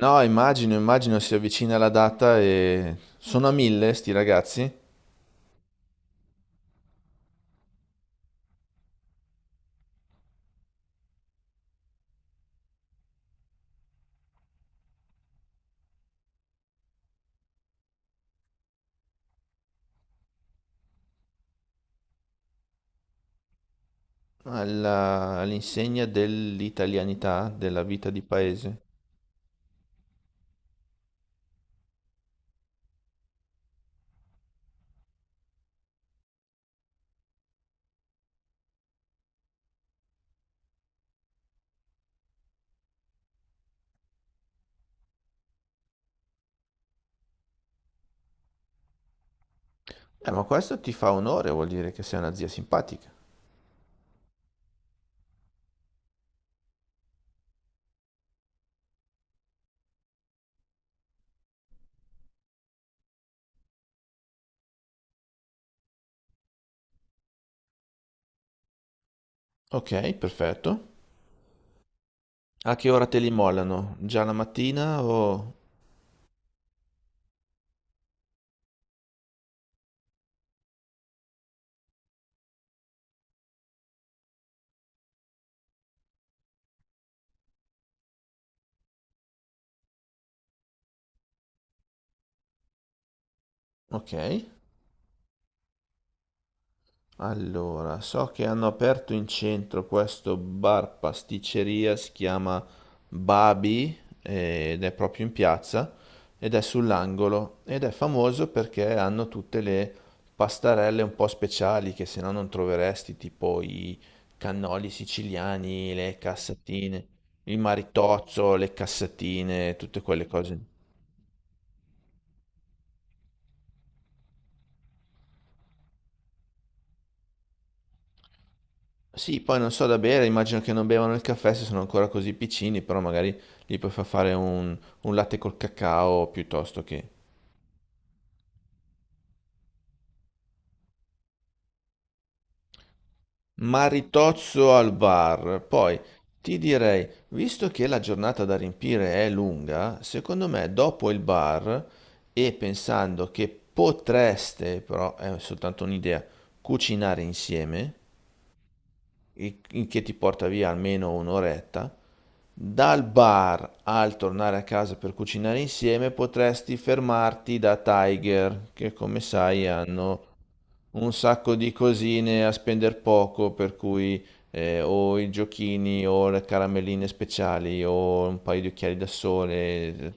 No, immagino si avvicina la data e sono a mille sti ragazzi all'insegna dell'italianità, della vita di paese. Ma questo ti fa onore, vuol dire che sei una zia simpatica. Ok, perfetto. A che ora te li mollano? Già la mattina o... Ok. Allora, so che hanno aperto in centro questo bar pasticceria, si chiama Babi, ed è proprio in piazza ed è sull'angolo ed è famoso perché hanno tutte le pastarelle un po' speciali che se no non troveresti, tipo i cannoli siciliani, le cassatine, il maritozzo, le cassatine, tutte quelle cose. Sì, poi non so da bere, immagino che non bevano il caffè se sono ancora così piccini, però magari gli puoi far fare un latte col cacao piuttosto che... Maritozzo al bar. Poi ti direi, visto che la giornata da riempire è lunga, secondo me dopo il bar e pensando che potreste, però è soltanto un'idea, cucinare insieme, il che ti porta via almeno un'oretta. Dal bar al tornare a casa per cucinare insieme potresti fermarti da Tiger, che come sai hanno un sacco di cosine a spendere poco, per cui o i giochini o le caramelline speciali o un paio di occhiali da sole, eh.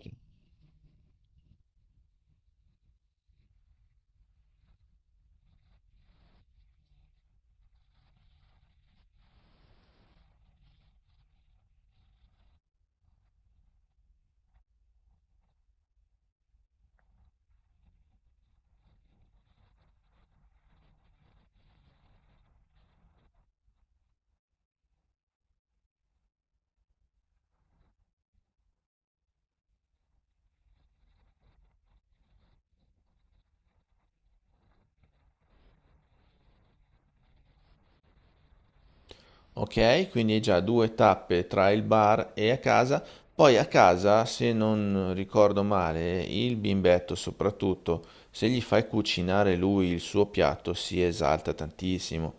Ok, quindi hai già due tappe tra il bar e a casa. Poi a casa, se non ricordo male, il bimbetto soprattutto, se gli fai cucinare lui il suo piatto, si esalta tantissimo.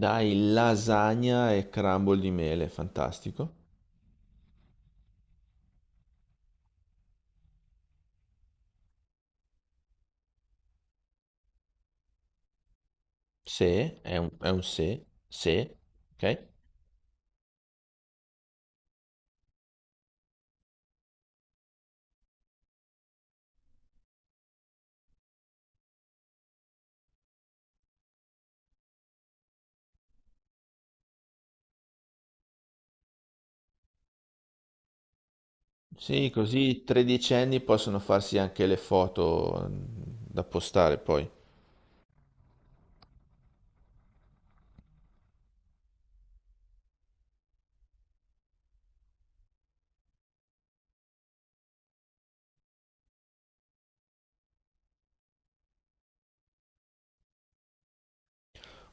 Dai, lasagna e crumble di mele, fantastico. Se, è un se, ok? Sì, così i tredicenni possono farsi anche le foto, mm, da postare poi.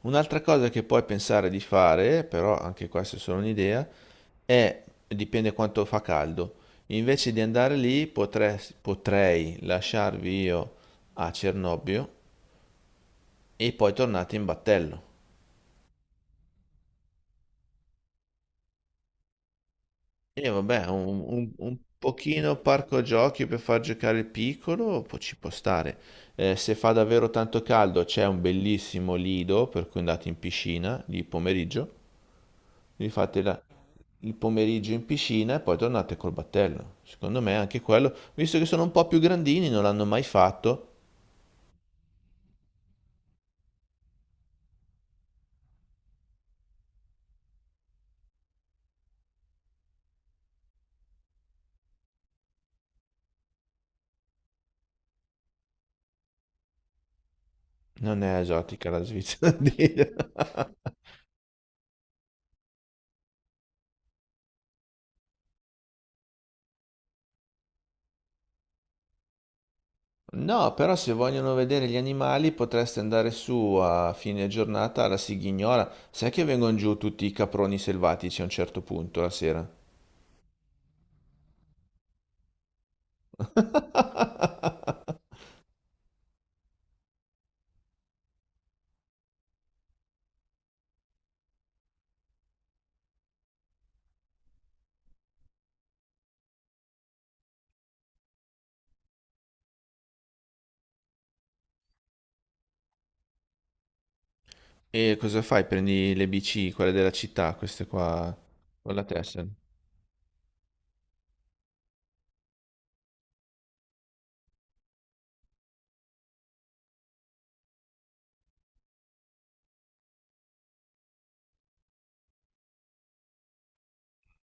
Un'altra cosa che puoi pensare di fare, però anche questa è solo un'idea, è, dipende quanto fa caldo, invece di andare lì potrei lasciarvi io a Cernobbio e poi tornate in battello. E vabbè, un, un pochino parco giochi per far giocare il piccolo ci può stare. Se fa davvero tanto caldo c'è un bellissimo lido per cui andate in piscina di pomeriggio. Vi fate la- il pomeriggio in piscina e poi tornate col battello. Secondo me anche quello, visto che sono un po' più grandini, non l'hanno mai fatto. Non è esotica la Svizzera, dire. No, però se vogliono vedere gli animali potreste andare su a fine giornata alla Sighignora. Sai che vengono giù tutti i caproni selvatici a un certo punto la sera? E cosa fai? Prendi le bici, quelle della città, queste qua, con la tessera.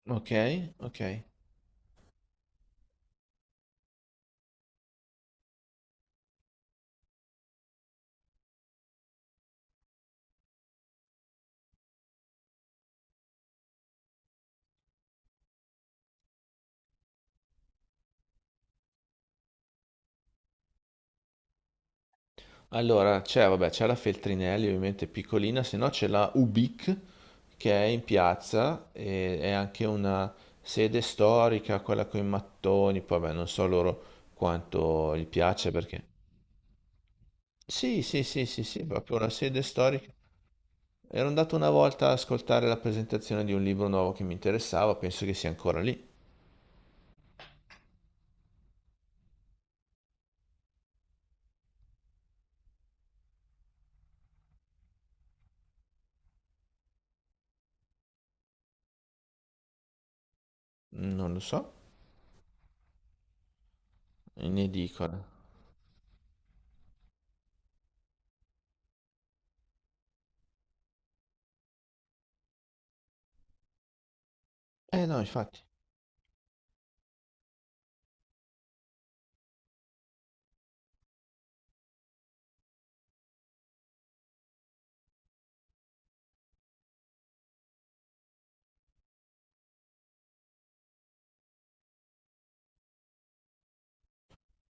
Ok, ok. Allora, c'è, vabbè, c'è la Feltrinelli, ovviamente piccolina, se no c'è la Ubic, che è in piazza e è anche una sede storica, quella con i mattoni, poi vabbè, non so loro quanto gli piace perché... Sì, sì, sì, sì, sì, proprio una sede storica. Ero andato una volta ad ascoltare la presentazione di un libro nuovo che mi interessava, penso che sia ancora lì, non lo so, in edicola. Eh no, infatti.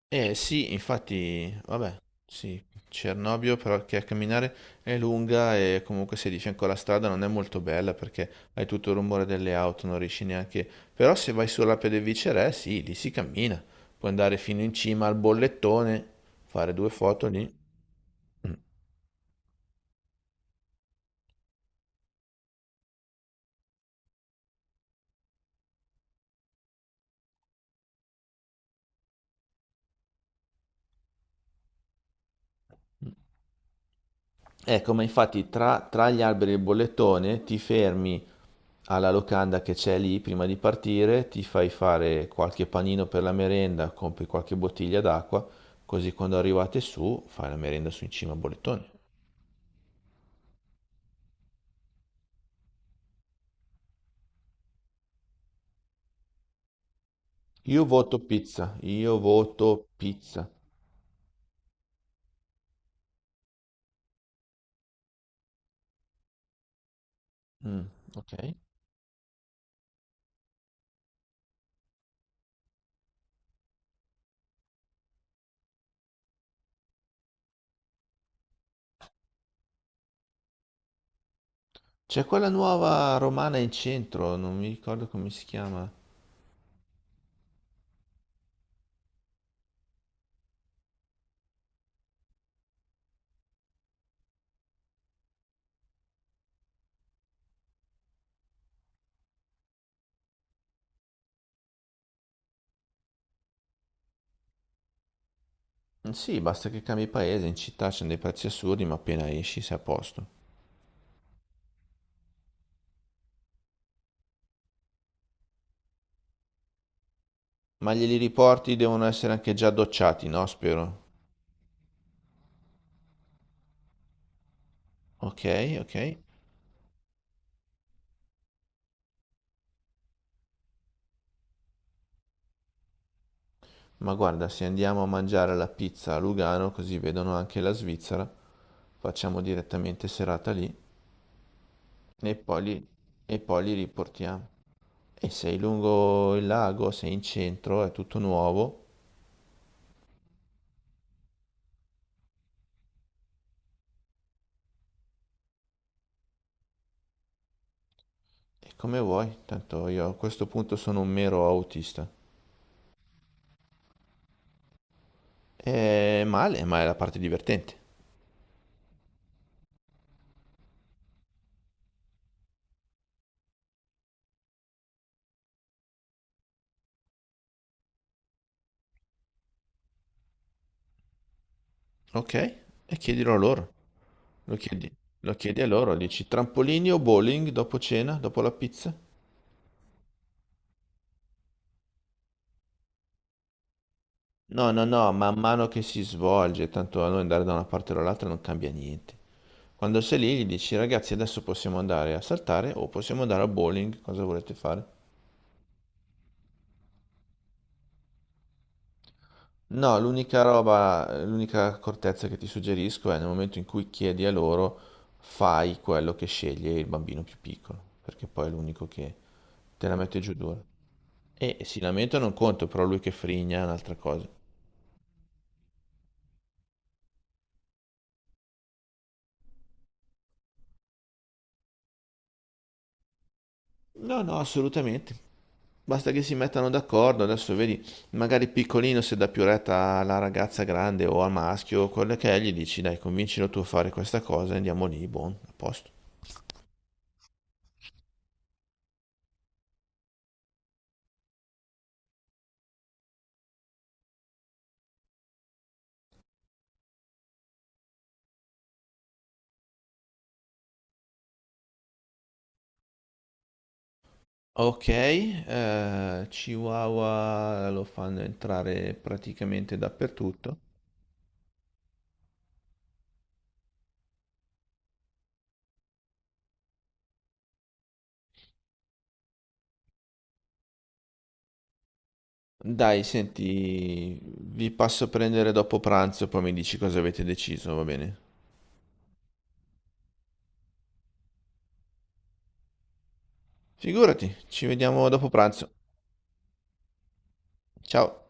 Eh sì, infatti, vabbè, sì, Cernobbio perché a camminare è lunga e comunque se di fianco alla strada non è molto bella perché hai tutto il rumore delle auto, non riesci neanche... Però se vai sulla Pedevicerè, sì, lì si cammina. Puoi andare fino in cima al bollettone, fare due foto lì. Mm. Ecco, ma infatti tra gli alberi e il bollettone ti fermi alla locanda che c'è lì prima di partire, ti fai fare qualche panino per la merenda, compri qualche bottiglia d'acqua, così quando arrivate su fai la merenda su in cima a bollettone. Io voto pizza, io voto pizza. Mm, ok. C'è quella nuova romana in centro, non mi ricordo come si chiama. Mm, sì, basta che cambi paese, in città c'è dei prezzi assurdi, ma appena esci sei a posto. Ma glieli riporti, devono essere anche già docciati, no? Spero. Ok, ok. Ma guarda, se andiamo a mangiare la pizza a Lugano, così vedono anche la Svizzera, facciamo direttamente serata lì e poi li, e poi li riportiamo. E sei lungo il lago, sei in centro, è tutto nuovo. E come vuoi, tanto io a questo punto sono un mero autista. È male, ma è la parte divertente. Ok? E chiedilo a loro. Lo chiedi, lo chiedi a loro, dici trampolini o bowling dopo cena, dopo la pizza? No, no, no, man mano che si svolge, tanto a noi andare da una parte o dall'altra non cambia niente. Quando sei lì gli dici: ragazzi, adesso possiamo andare a saltare o possiamo andare a bowling, cosa volete fare? No, l'unica roba, l'unica accortezza che ti suggerisco è nel momento in cui chiedi a loro, fai quello che sceglie il bambino più piccolo, perché poi è l'unico che te la mette giù dura. E si lamenta non conto, però lui che frigna è un'altra cosa. No, no, assolutamente. Basta che si mettano d'accordo, adesso vedi, magari piccolino se dà più retta alla ragazza grande o al maschio, quello che è, gli dici, dai, convincilo tu a fare questa cosa, andiamo lì, buon, a posto. Ok, Chihuahua lo fanno entrare praticamente dappertutto. Dai, senti, vi passo a prendere dopo pranzo, poi mi dici cosa avete deciso, va bene? Figurati, ci vediamo dopo pranzo. Ciao.